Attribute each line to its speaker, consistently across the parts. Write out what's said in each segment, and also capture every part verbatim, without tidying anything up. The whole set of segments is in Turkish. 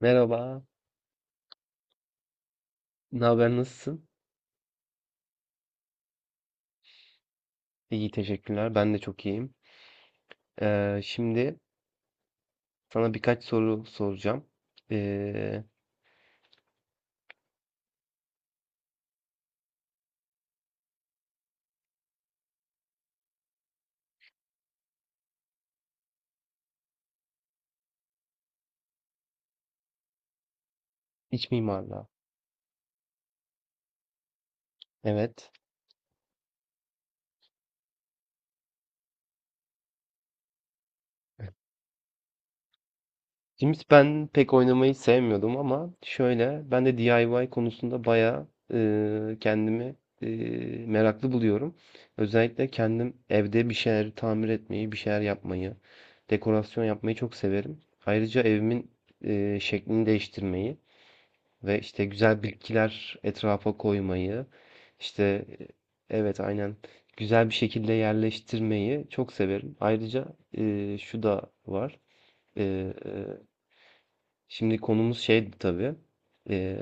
Speaker 1: Merhaba, ne haber, nasılsın? İyi, teşekkürler. Ben de çok iyiyim. Ee, şimdi sana birkaç soru soracağım. Ee, iç mimarlığa. Evet. Şimdi ben pek oynamayı sevmiyordum ama şöyle, ben de D I Y konusunda bayağı e, kendimi e, meraklı buluyorum. Özellikle kendim evde bir şeyler tamir etmeyi, bir şeyler yapmayı, dekorasyon yapmayı çok severim. Ayrıca evimin e, şeklini değiştirmeyi. Ve işte güzel bitkiler etrafa koymayı, işte e, evet aynen güzel bir şekilde yerleştirmeyi çok severim. Ayrıca e, şu da var. E, e, Şimdi konumuz şeydi tabii. E,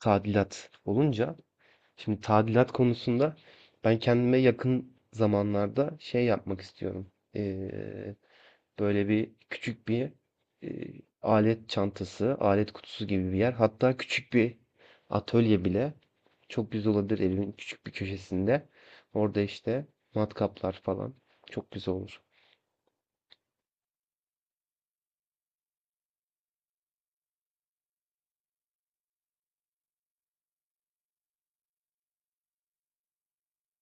Speaker 1: Tadilat olunca. Şimdi tadilat konusunda ben kendime yakın zamanlarda şey yapmak istiyorum. E, Böyle bir küçük bir, eee, alet çantası, alet kutusu gibi bir yer. Hatta küçük bir atölye bile çok güzel olabilir evimin küçük bir köşesinde. Orada işte matkaplar falan çok güzel olur.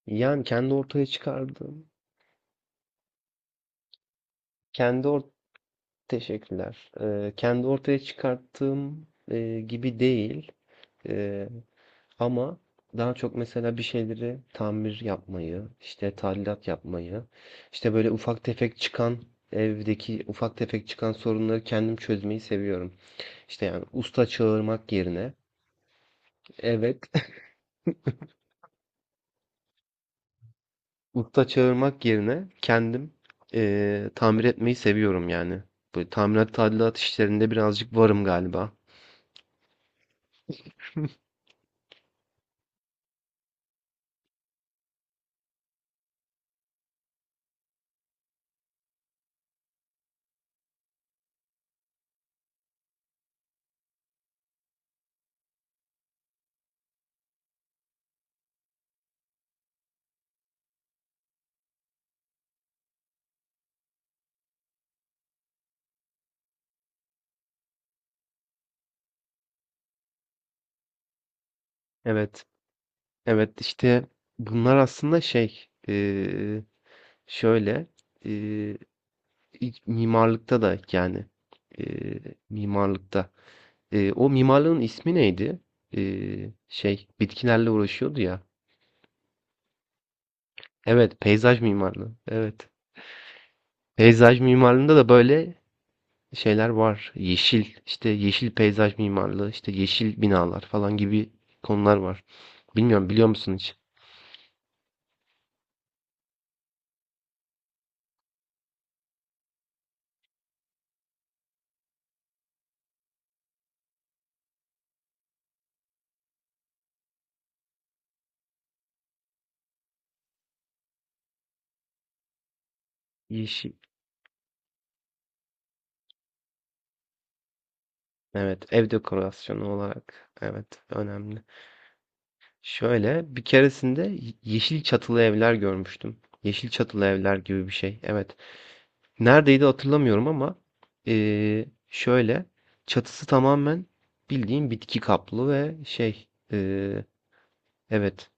Speaker 1: Yani kendi ortaya çıkardığım, kendi or teşekkürler. Eee, kendi ortaya çıkarttığım eee, gibi değil. Eee Ama daha çok mesela bir şeyleri tamir yapmayı, işte tadilat yapmayı, işte böyle ufak tefek çıkan evdeki ufak tefek çıkan sorunları kendim çözmeyi seviyorum. İşte yani usta çağırmak yerine, evet, usta çağırmak yerine kendim eee, tamir etmeyi seviyorum yani. Böyle tamirat tadilat işlerinde birazcık varım galiba. Evet, evet işte bunlar aslında şey, eee, şöyle. Eee, İlk mimarlıkta da yani e, mimarlıkta. E, o mimarlığın ismi neydi? E, şey bitkilerle uğraşıyordu ya. Evet, peyzaj mimarlığı. Evet. Peyzaj mimarlığında da böyle şeyler var. Yeşil, işte yeşil peyzaj mimarlığı, işte yeşil binalar falan gibi konular var. Bilmiyorum biliyor musun hiç? Yeşil. Evet, ev dekorasyonu olarak. Evet, önemli. Şöyle, bir keresinde y- yeşil çatılı evler görmüştüm. Yeşil çatılı evler gibi bir şey. Evet. Neredeydi hatırlamıyorum ama eee, şöyle çatısı tamamen bildiğin bitki kaplı ve şey eee, evet.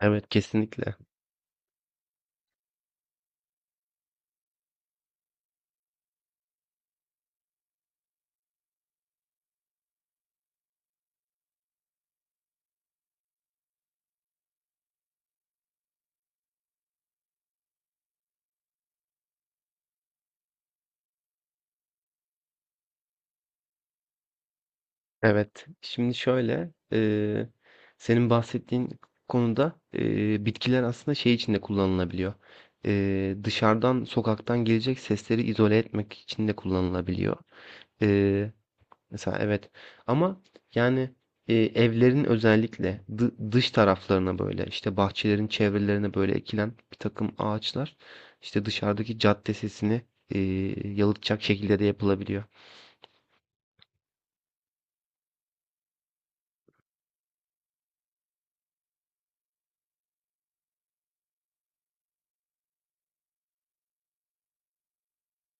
Speaker 1: Evet kesinlikle. Evet. Şimdi şöyle eee, senin bahsettiğin konuda eee, bitkiler aslında şey için de kullanılabiliyor. Eee, dışarıdan sokaktan gelecek sesleri izole etmek için de kullanılabiliyor. Eee Mesela evet ama yani e, evlerin özellikle dı- dış taraflarına böyle işte bahçelerin çevrelerine böyle ekilen bir takım ağaçlar işte dışarıdaki cadde sesini e, yalıtacak şekilde de yapılabiliyor.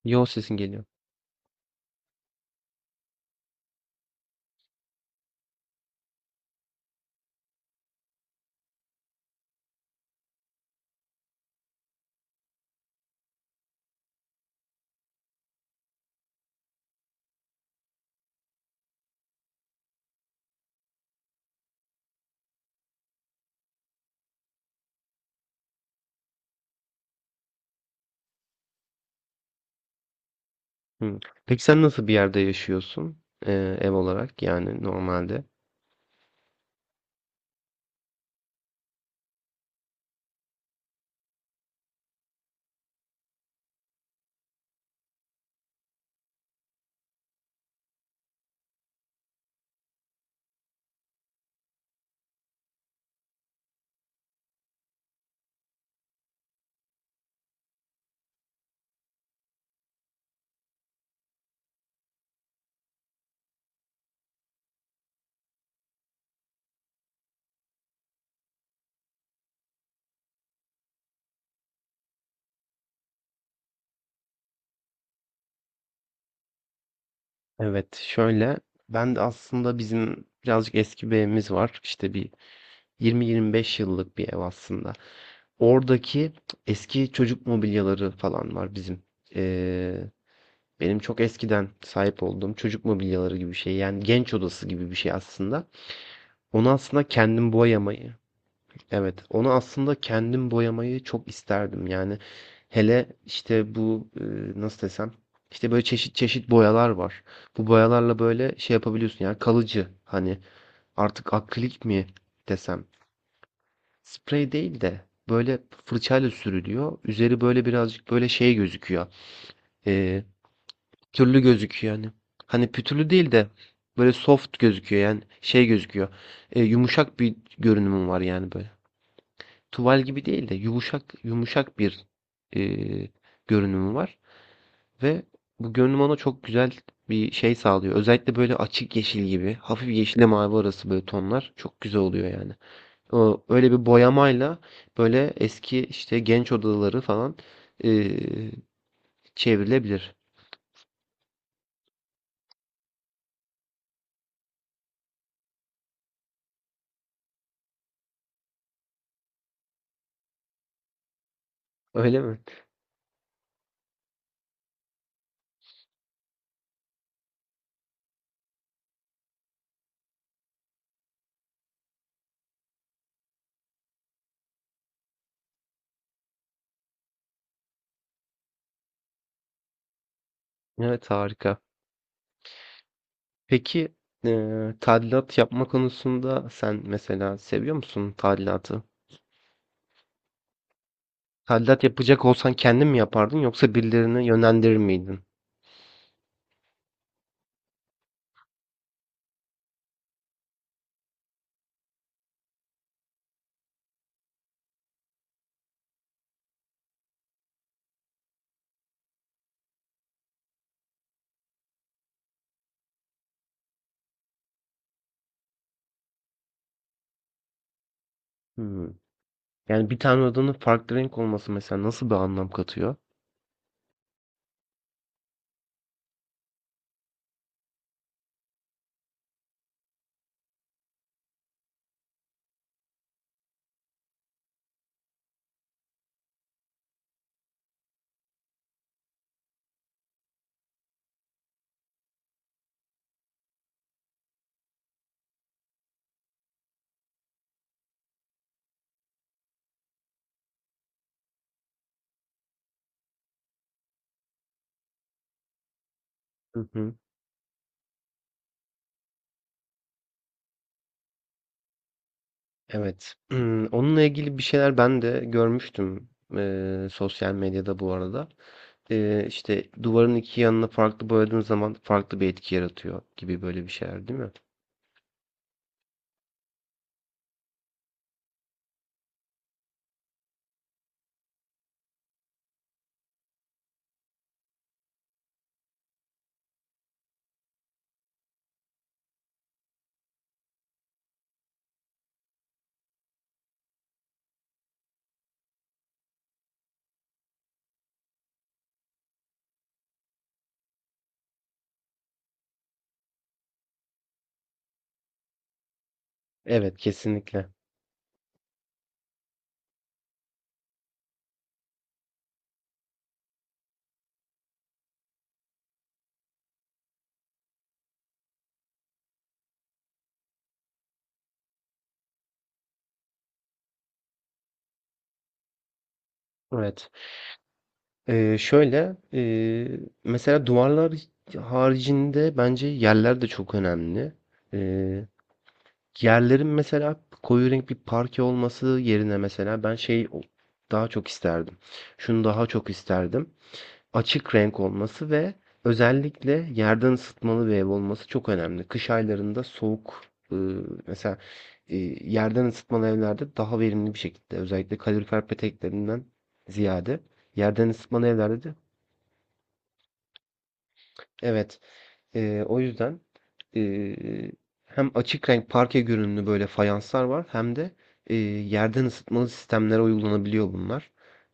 Speaker 1: Yol sesin geliyor. Hı. Peki sen nasıl bir yerde yaşıyorsun e, ev olarak yani normalde? Evet şöyle ben de aslında bizim birazcık eski bir evimiz var işte bir yirmi yirmi beş yıllık bir ev aslında. Oradaki eski çocuk mobilyaları falan var bizim. Ee, Benim çok eskiden sahip olduğum çocuk mobilyaları gibi bir şey. Yani genç odası gibi bir şey aslında. Onu aslında kendim boyamayı, evet, onu aslında kendim boyamayı çok isterdim. Yani hele işte bu e, nasıl desem, işte böyle çeşit çeşit boyalar var. Bu boyalarla böyle şey yapabiliyorsun yani kalıcı hani artık akrilik mi desem. Sprey değil de böyle fırçayla sürülüyor. Üzeri böyle birazcık böyle şey gözüküyor. Eee, Pütürlü gözüküyor yani. Hani pütürlü değil de böyle soft gözüküyor yani şey gözüküyor. Eee, yumuşak bir görünümü var yani böyle. Tuval gibi değil de yumuşak yumuşak bir eee görünümü var ve bu görünüm ona çok güzel bir şey sağlıyor. Özellikle böyle açık yeşil gibi, hafif yeşille mavi arası böyle tonlar çok güzel oluyor yani. O öyle bir boyamayla böyle eski işte genç odaları falan, eee, çevrilebilir. Öyle mi? Evet, harika. Peki, eee, tadilat yapma konusunda sen mesela seviyor musun tadilatı? Tadilat yapacak olsan kendin mi yapardın yoksa birilerini yönlendirir miydin? Hımm. Yani bir tane odanın farklı renk olması mesela nasıl bir anlam katıyor? Hı hı. Evet. Imm, onunla ilgili bir şeyler ben de görmüştüm, eee, sosyal medyada bu arada. Eee, işte, duvarın iki yanına farklı boyadığın zaman farklı bir etki yaratıyor gibi böyle bir şeyler, değil mi? Evet, kesinlikle. Evet. Eee, şöyle, eee, mesela duvarlar haricinde bence yerler de çok önemli. Eee, Yerlerin mesela koyu renk bir parke olması yerine mesela ben şey o- daha çok isterdim. Şunu daha çok isterdim. Açık renk olması ve özellikle yerden ısıtmalı bir ev olması çok önemli. Kış aylarında soğuk eee, mesela eee, yerden ısıtmalı evlerde daha verimli bir şekilde özellikle kalorifer peteklerinden ziyade yerden ısıtmalı evlerde de Evet. Eee, o yüzden eee, hem açık renk parke görünümlü böyle fayanslar var hem de eee, yerden ısıtmalı sistemlere uygulanabiliyor bunlar.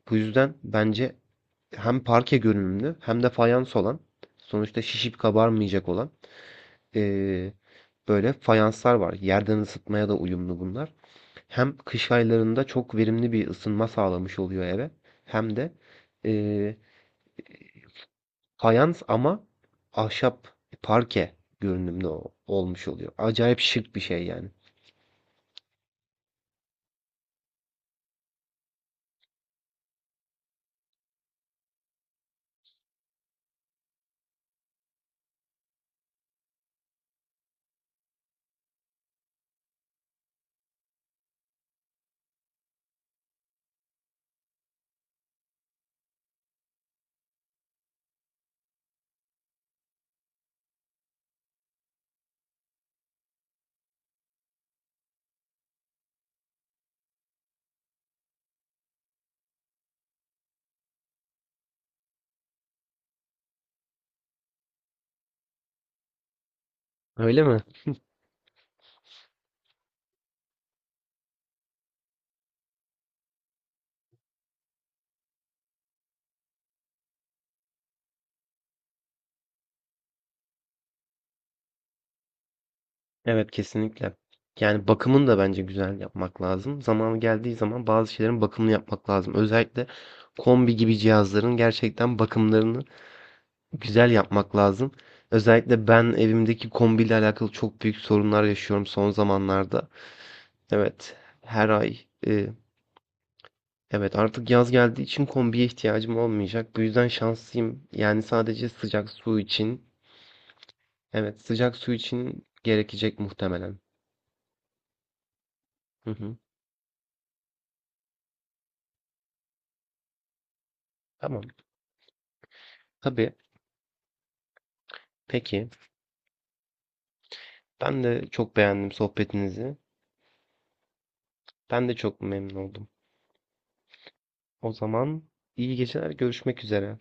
Speaker 1: Bu yüzden bence hem parke görünümlü hem de fayans olan sonuçta şişip kabarmayacak olan eee, böyle fayanslar var. Yerden ısıtmaya da uyumlu bunlar. Hem kış aylarında çok verimli bir ısınma sağlamış oluyor eve hem de fayans ama ahşap parke görünümlü o- olmuş oluyor. Acayip şık bir şey yani. Öyle mi? Evet kesinlikle. Yani bakımını da bence güzel yapmak lazım. Zamanı geldiği zaman bazı şeylerin bakımını yapmak lazım. Özellikle kombi gibi cihazların gerçekten bakımlarını güzel yapmak lazım. Özellikle ben evimdeki kombiyle alakalı çok büyük sorunlar yaşıyorum son zamanlarda. Evet, her ay e, evet, artık yaz geldiği için kombiye ihtiyacım olmayacak. Bu yüzden şanslıyım. Yani sadece sıcak su için. Evet, sıcak su için gerekecek muhtemelen. Hı hı. Tamam. Tabii. Peki. Ben de çok beğendim sohbetinizi. Ben de çok memnun oldum. O zaman iyi geceler, görüşmek üzere.